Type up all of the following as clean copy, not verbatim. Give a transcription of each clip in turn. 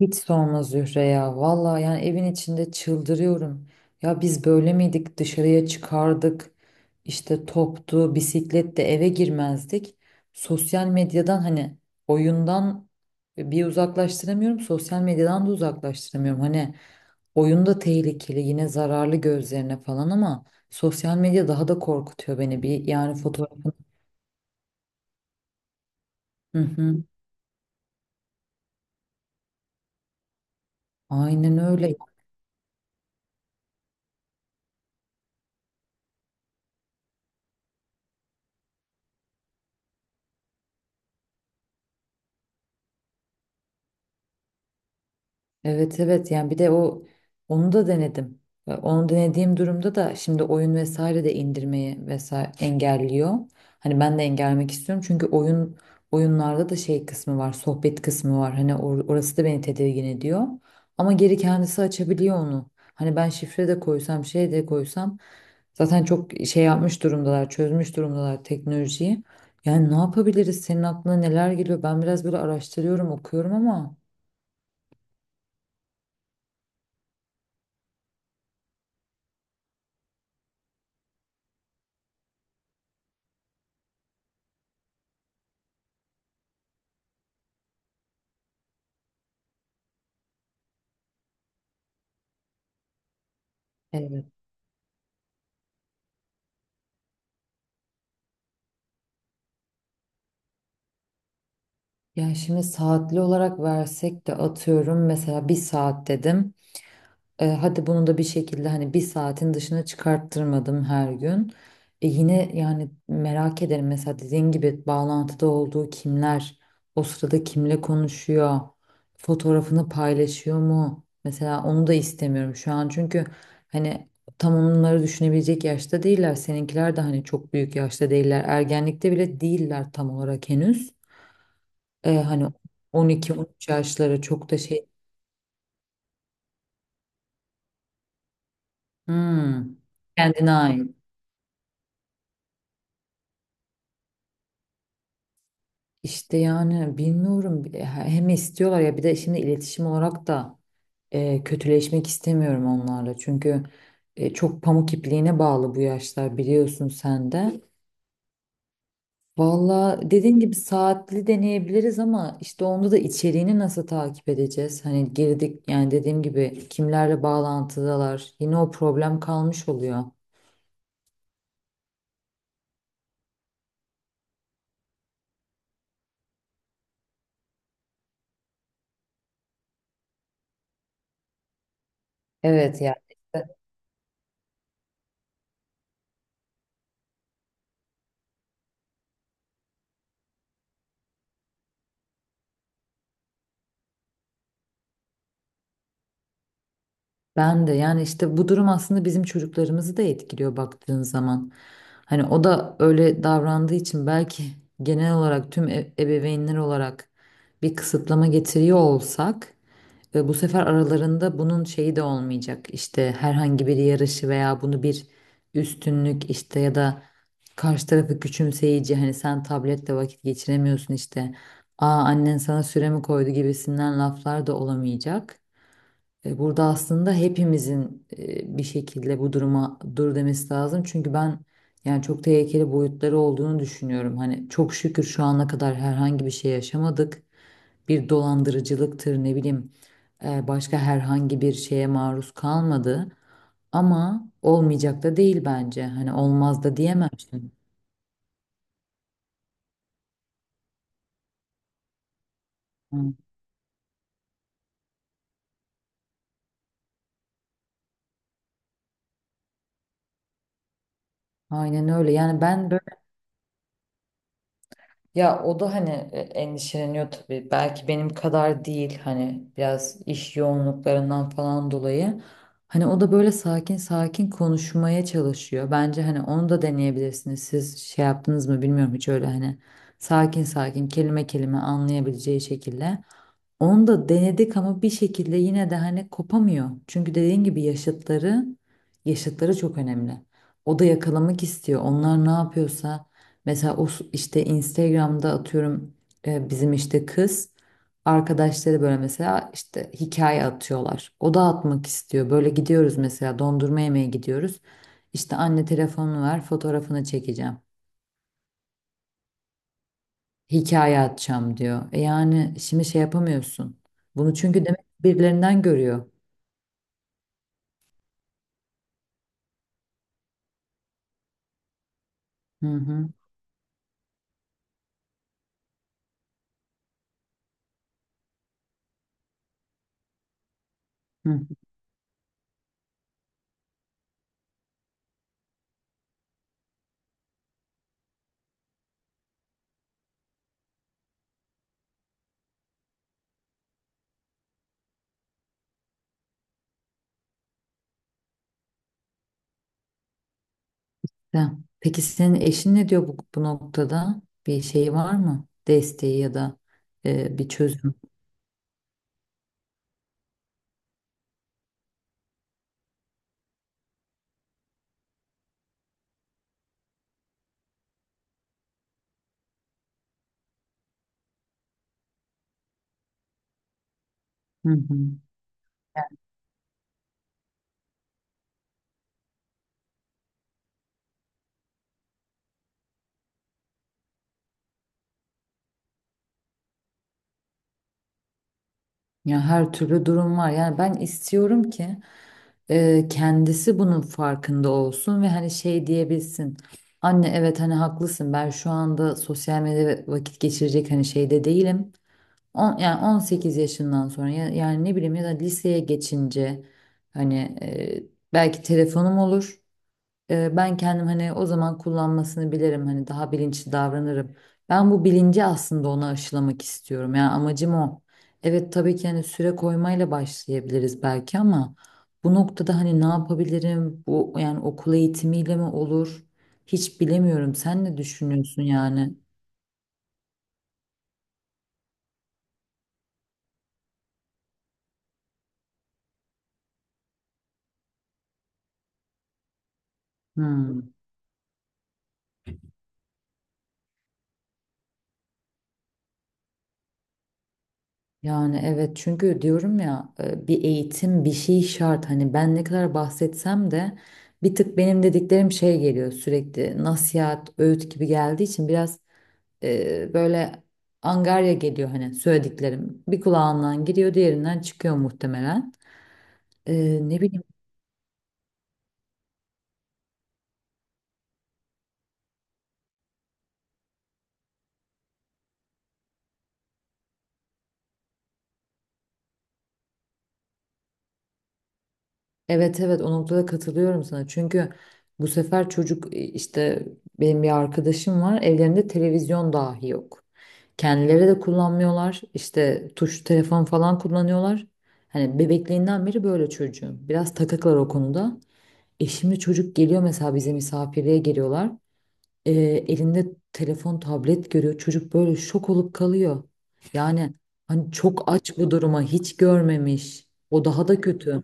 Hiç sorma Zühre ya. Vallahi yani evin içinde çıldırıyorum. Ya biz böyle miydik? Dışarıya çıkardık. İşte toptu, bisikletle eve girmezdik. Sosyal medyadan hani oyundan bir uzaklaştıramıyorum. Sosyal medyadan da uzaklaştıramıyorum. Hani oyunda tehlikeli, yine zararlı gözlerine falan ama sosyal medya daha da korkutuyor beni. Bir yani fotoğrafın. Hı hı. Aynen öyle. Evet, evet, yani bir de onu da denedim. Ve onu denediğim durumda da şimdi oyun vesaire de indirmeyi vesaire engelliyor. Hani ben de engellemek istiyorum çünkü oyunlarda da şey kısmı var, sohbet kısmı var. Hani orası da beni tedirgin ediyor. Ama geri kendisi açabiliyor onu. Hani ben şifre de koysam, şey de koysam zaten çok şey yapmış durumdalar, çözmüş durumdalar teknolojiyi. Yani ne yapabiliriz? Senin aklına neler geliyor? Ben biraz böyle araştırıyorum, okuyorum ama evet. Yani şimdi saatli olarak versek de atıyorum mesela bir saat dedim. Hadi bunu da bir şekilde hani bir saatin dışına çıkarttırmadım her gün. Yine yani merak ederim mesela dediğin gibi bağlantıda olduğu kimler, o sırada kimle konuşuyor, fotoğrafını paylaşıyor mu? Mesela onu da istemiyorum şu an çünkü hani tam onları düşünebilecek yaşta değiller. Seninkiler de hani çok büyük yaşta değiller. Ergenlikte bile değiller tam olarak henüz. Hani 12-13 yaşlara çok da şey hmm, kendine ait. İşte yani bilmiyorum hem istiyorlar ya bir de şimdi iletişim olarak da kötüleşmek istemiyorum onlarla. Çünkü çok pamuk ipliğine bağlı bu yaşlar biliyorsun sen de. Valla dediğin gibi saatli deneyebiliriz ama işte onda da içeriğini nasıl takip edeceğiz? Hani girdik yani dediğim gibi kimlerle bağlantıdalar yine o problem kalmış oluyor. Evet yani. Ben de yani işte bu durum aslında bizim çocuklarımızı da etkiliyor baktığın zaman. Hani o da öyle davrandığı için belki genel olarak tüm ebeveynler olarak bir kısıtlama getiriyor olsak ve bu sefer aralarında bunun şeyi de olmayacak. İşte herhangi bir yarışı veya bunu bir üstünlük işte ya da karşı tarafı küçümseyici hani sen tabletle vakit geçiremiyorsun işte. Aa annen sana süre mi koydu gibisinden laflar da olamayacak. Burada aslında hepimizin bir şekilde bu duruma dur demesi lazım. Çünkü ben yani çok tehlikeli boyutları olduğunu düşünüyorum. Hani çok şükür şu ana kadar herhangi bir şey yaşamadık. Bir dolandırıcılıktır ne bileyim başka herhangi bir şeye maruz kalmadı. Ama olmayacak da değil bence. Hani olmaz da diyemem şimdi. Hı. Aynen öyle. Yani ben ya o da hani endişeleniyor tabii. Belki benim kadar değil hani biraz iş yoğunluklarından falan dolayı. Hani o da böyle sakin sakin konuşmaya çalışıyor. Bence hani onu da deneyebilirsiniz. Siz şey yaptınız mı bilmiyorum hiç öyle hani sakin sakin kelime kelime anlayabileceği şekilde. Onu da denedik ama bir şekilde yine de hani kopamıyor. Çünkü dediğin gibi yaşıtları çok önemli. O da yakalamak istiyor. Onlar ne yapıyorsa mesela o işte Instagram'da atıyorum, bizim işte kız arkadaşları böyle mesela işte hikaye atıyorlar. O da atmak istiyor. Böyle gidiyoruz mesela dondurma yemeye gidiyoruz. İşte anne telefonunu ver fotoğrafını çekeceğim. Hikaye atacağım diyor. Yani şimdi şey yapamıyorsun. Bunu çünkü demek birilerinden görüyor. Hı hı. Hı. Güzel. Peki senin eşin ne diyor bu noktada? Bir şey var mı? Desteği ya da bir çözüm. Hı hı. Ya her türlü durum var. Yani ben istiyorum ki kendisi bunun farkında olsun ve hani şey diyebilsin. Anne evet hani haklısın. Ben şu anda sosyal medyada vakit geçirecek hani şeyde değilim. Yani 18 yaşından sonra yani ne bileyim ya da liseye geçince hani e, belki telefonum olur. Ben kendim hani o zaman kullanmasını bilirim hani daha bilinçli davranırım. Ben bu bilinci aslında ona aşılamak istiyorum. Yani amacım o. Evet tabii ki hani süre koymayla başlayabiliriz belki ama bu noktada hani ne yapabilirim? Bu yani okul eğitimiyle mi olur? Hiç bilemiyorum. Sen ne düşünüyorsun yani? Hmm. Yani evet çünkü diyorum ya bir eğitim bir şey şart hani ben ne kadar bahsetsem de bir tık benim dediklerim şey geliyor sürekli nasihat öğüt gibi geldiği için biraz böyle angarya geliyor hani söylediklerim bir kulağından giriyor diğerinden çıkıyor muhtemelen. Ne bileyim evet, evet, o noktada katılıyorum sana. Çünkü bu sefer çocuk işte benim bir arkadaşım var. Evlerinde televizyon dahi yok. Kendileri de kullanmıyorlar. İşte tuş telefon falan kullanıyorlar. Hani bebekliğinden beri böyle çocuğum. Biraz takıklar o konuda. Şimdi çocuk geliyor mesela bize misafirliğe geliyorlar. E, Elinde telefon, tablet görüyor. Çocuk böyle şok olup kalıyor. Yani hani çok aç bu duruma hiç görmemiş. O daha da kötü.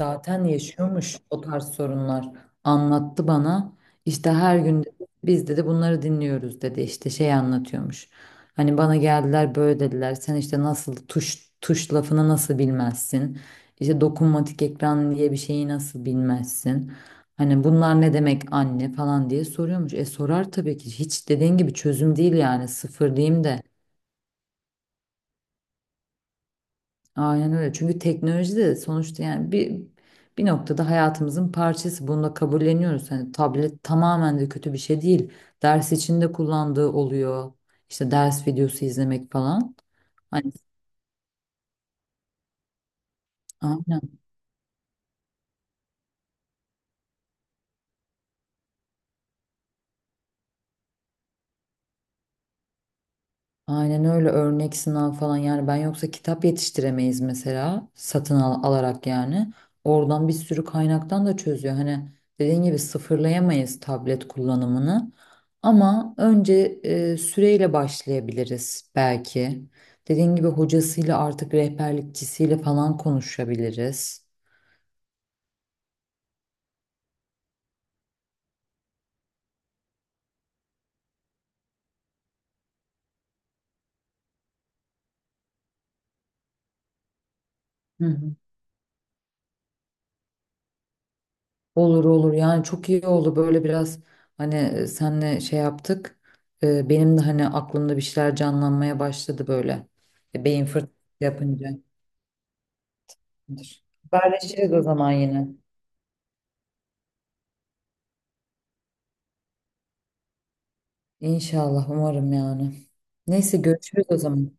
Zaten yaşıyormuş o tarz sorunlar. Anlattı bana. İşte her gün dedi, biz dedi bunları dinliyoruz dedi. İşte şey anlatıyormuş. Hani bana geldiler böyle dediler. Sen işte nasıl tuş tuş lafını nasıl bilmezsin? İşte dokunmatik ekran diye bir şeyi nasıl bilmezsin? Hani bunlar ne demek anne falan diye soruyormuş. E, sorar tabii ki. Hiç dediğin gibi çözüm değil yani. Sıfır diyeyim de. Aynen öyle. Çünkü teknoloji de sonuçta yani bir noktada hayatımızın parçası. Bunu da kabulleniyoruz. Hani tablet tamamen de kötü bir şey değil. Ders içinde kullandığı oluyor. İşte ders videosu izlemek falan. Hani, aynen. Aynen öyle örnek sınav falan yani ben yoksa kitap yetiştiremeyiz mesela satın alarak yani. Oradan bir sürü kaynaktan da çözüyor. Hani dediğin gibi sıfırlayamayız tablet kullanımını ama önce süreyle başlayabiliriz belki. Dediğin gibi hocasıyla artık rehberlikçisiyle falan konuşabiliriz. Olur olur yani çok iyi oldu böyle biraz hani senle şey yaptık. Benim de hani aklımda bir şeyler canlanmaya başladı böyle. Beyin fırtınası yapınca. Haberleşiriz o zaman yine. İnşallah umarım yani. Neyse görüşürüz o zaman.